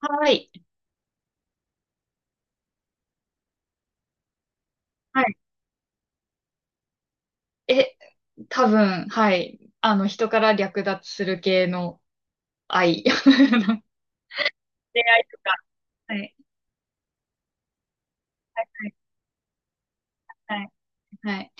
はい。はい。え、多分、はい。人から略奪する系の愛。出会いとか。はい。はい。はい。はい。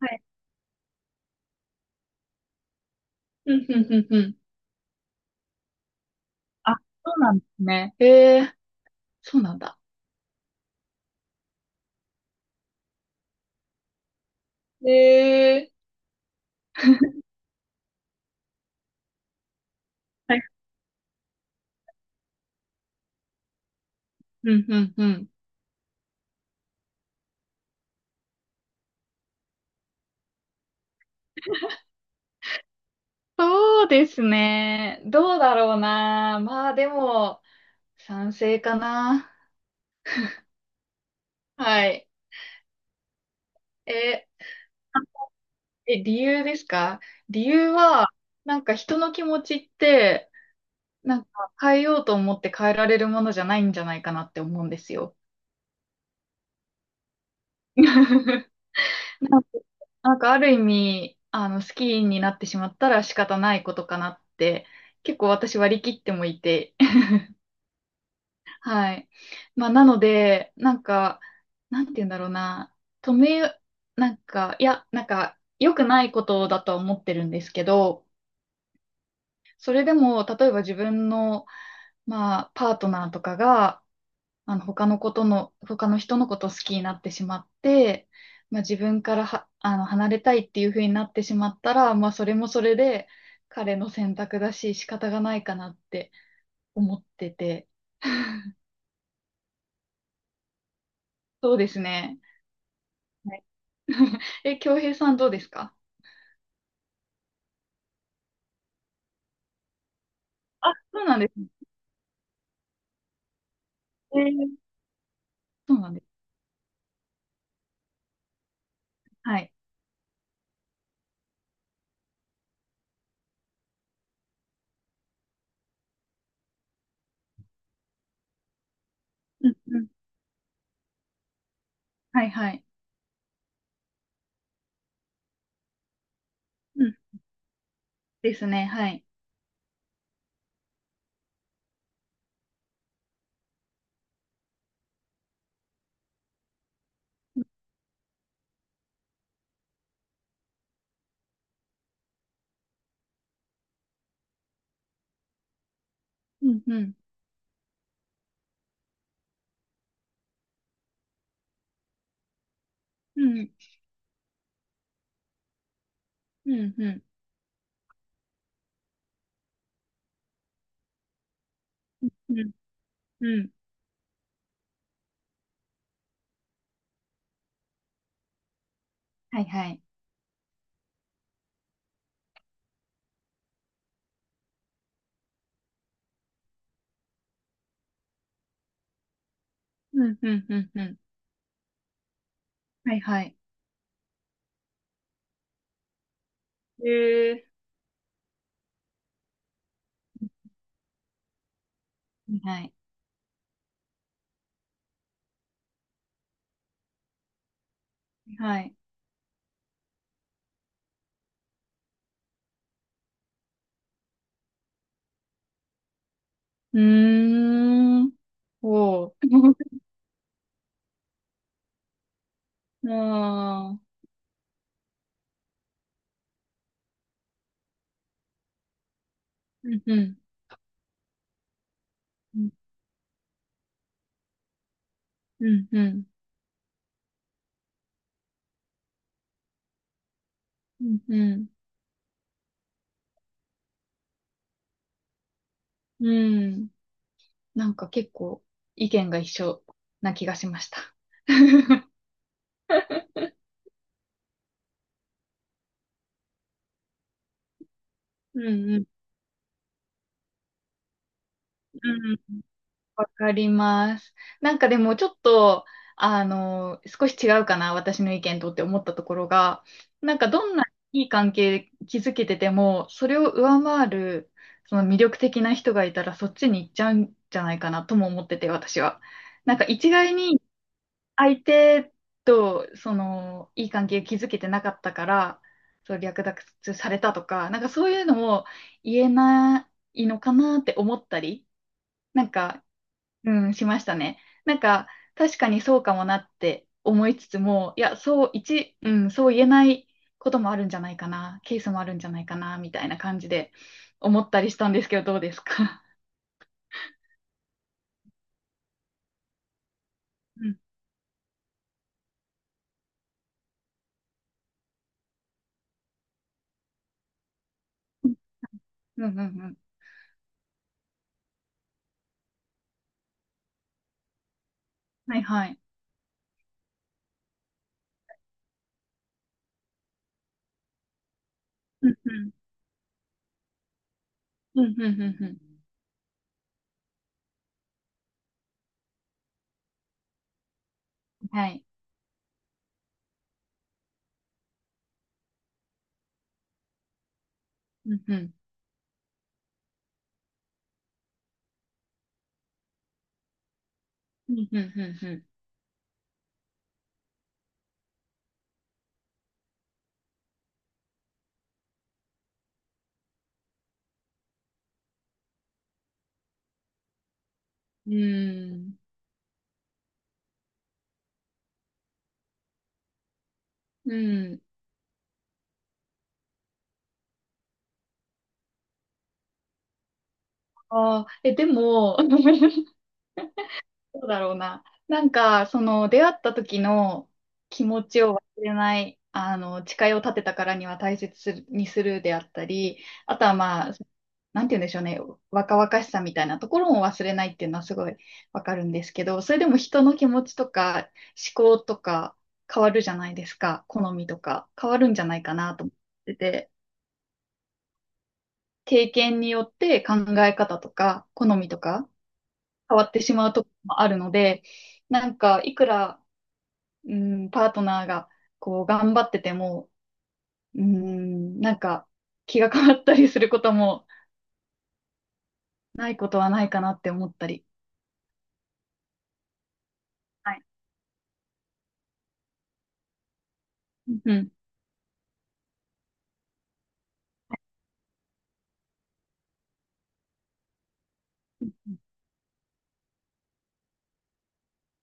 はい。うん、うん、うん、うん。あ、そうなんですね。ええ、そうなんだ。ええ。はい。うん、うん、うん。そうですね。どうだろうな。まあ、でも、賛成かな。はい。え、あえ、理由ですか？理由は、なんか人の気持ちって、なんか変えようと思って変えられるものじゃないんじゃないかなって思うんですよ。なんかなんかある意味、好きになってしまったら仕方ないことかなって、結構私割り切ってもいて、はい。まあ、なので、なんか、なんて言うんだろうな、止め、なんか、いや、なんか、良くないことだとは思ってるんですけど、それでも、例えば自分の、まあ、パートナーとかが、他の人のことを好きになってしまって、まあ、自分からは、離れたいっていう風になってしまったら、まあ、それもそれで彼の選択だし、仕方がないかなって思ってて。そうですね。はい。京平さんどうですか？あ、そうなんですね。えーそうなんです。はい。うんうん。はいはい。うん。ですね。はい。うんうん。うん。うんうん。うんうん。はいはい。うんうんうんうん。はいはい。えー。はいはい。はい。うーん。おう。ああ。うんうん。うんうんうん。うんうん。うん。なんか結構意見が一緒な気がしました。うんうん。うん。わかります。なんかでもちょっと、少し違うかな、私の意見とって思ったところが、なんかどんないい関係築けてても、それを上回る、その魅力的な人がいたら、そっちに行っちゃうんじゃないかなとも思ってて、私は。なんか一概に相手と、その、いい関係築けてなかったから、そう、略奪されたとか、なんかそういうのも言えないのかなって思ったり、なんか、うん、しましたね。なんか、確かにそうかもなって思いつつも、いや、そう、うん、そう言えないこともあるんじゃないかな、ケースもあるんじゃないかな、みたいな感じで思ったりしたんですけど、どうですか？うん。うん、うん、うん。はいはい。うん、うん、うん、うん、うん。うん。はい。うん、うん、うん、うん、うん。うん、うーん。うん。ああ、でも、どうだろうな。なんか、その、出会った時の気持ちを忘れない、誓いを立てたからには大切するにするであったり、あとはまあ、なんて言うんでしょうね、若々しさみたいなところも忘れないっていうのはすごいわかるんですけど、それでも人の気持ちとか思考とか変わるじゃないですか、好みとか変わるんじゃないかなと思ってて、経験によって考え方とか好みとか変わってしまうところもあるので、なんか、いくら、うん、パートナーがこう頑張ってても、うん、なんか気が変わったりすることもないことはないかなって思ったり。はい。うん。うん。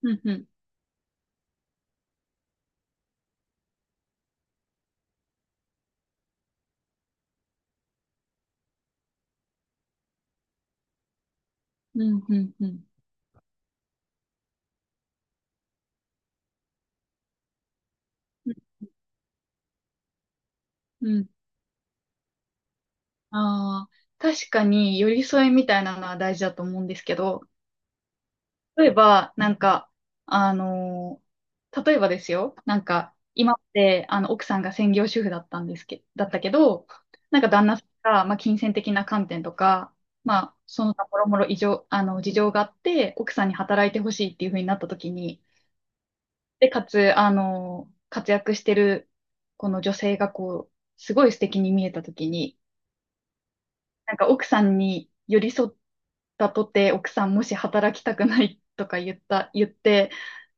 うん。うん。うん。うん。うん。ああー、確かに寄り添いみたいなのは大事だと思うんですけど、例えば、なんか、あのー例えばですよ、なんか、今って、奥さんが専業主婦だったけど、なんか旦那さんが、まあ、金銭的な観点とか、まあ、その他もろもろ異常、事情があって、奥さんに働いてほしいっていう風になった時に、で、かつ、活躍してる、この女性がこう、すごい素敵に見えた時に、なんか奥さんに寄り添ったとて、奥さんもし働きたくないとか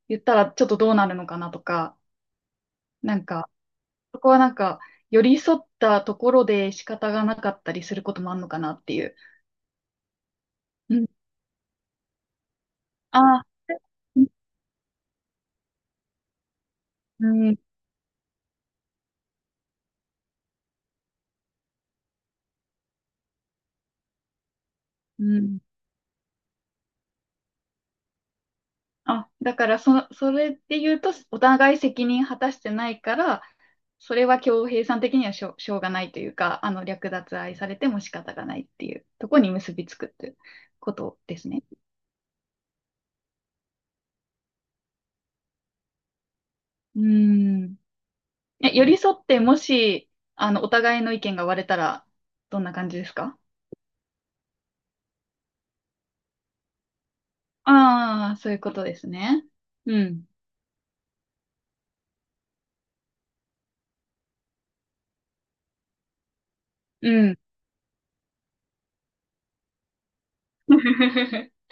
言ったらちょっとどうなるのかなとか、なんか、そこはなんか、寄り添ったところで仕方がなかったりすることもあるのかなっていう。うん。あー、うん、うん。あ、だからそれで言うと、お互い責任果たしてないから、それは恭平さん的にはしょうがないというか、略奪愛されても仕方がないっていうところに結びつくっていうことですね。うん。寄り添って、もし、お互いの意見が割れたら、どんな感じですか？ああー、そういうことですね。うん。うん。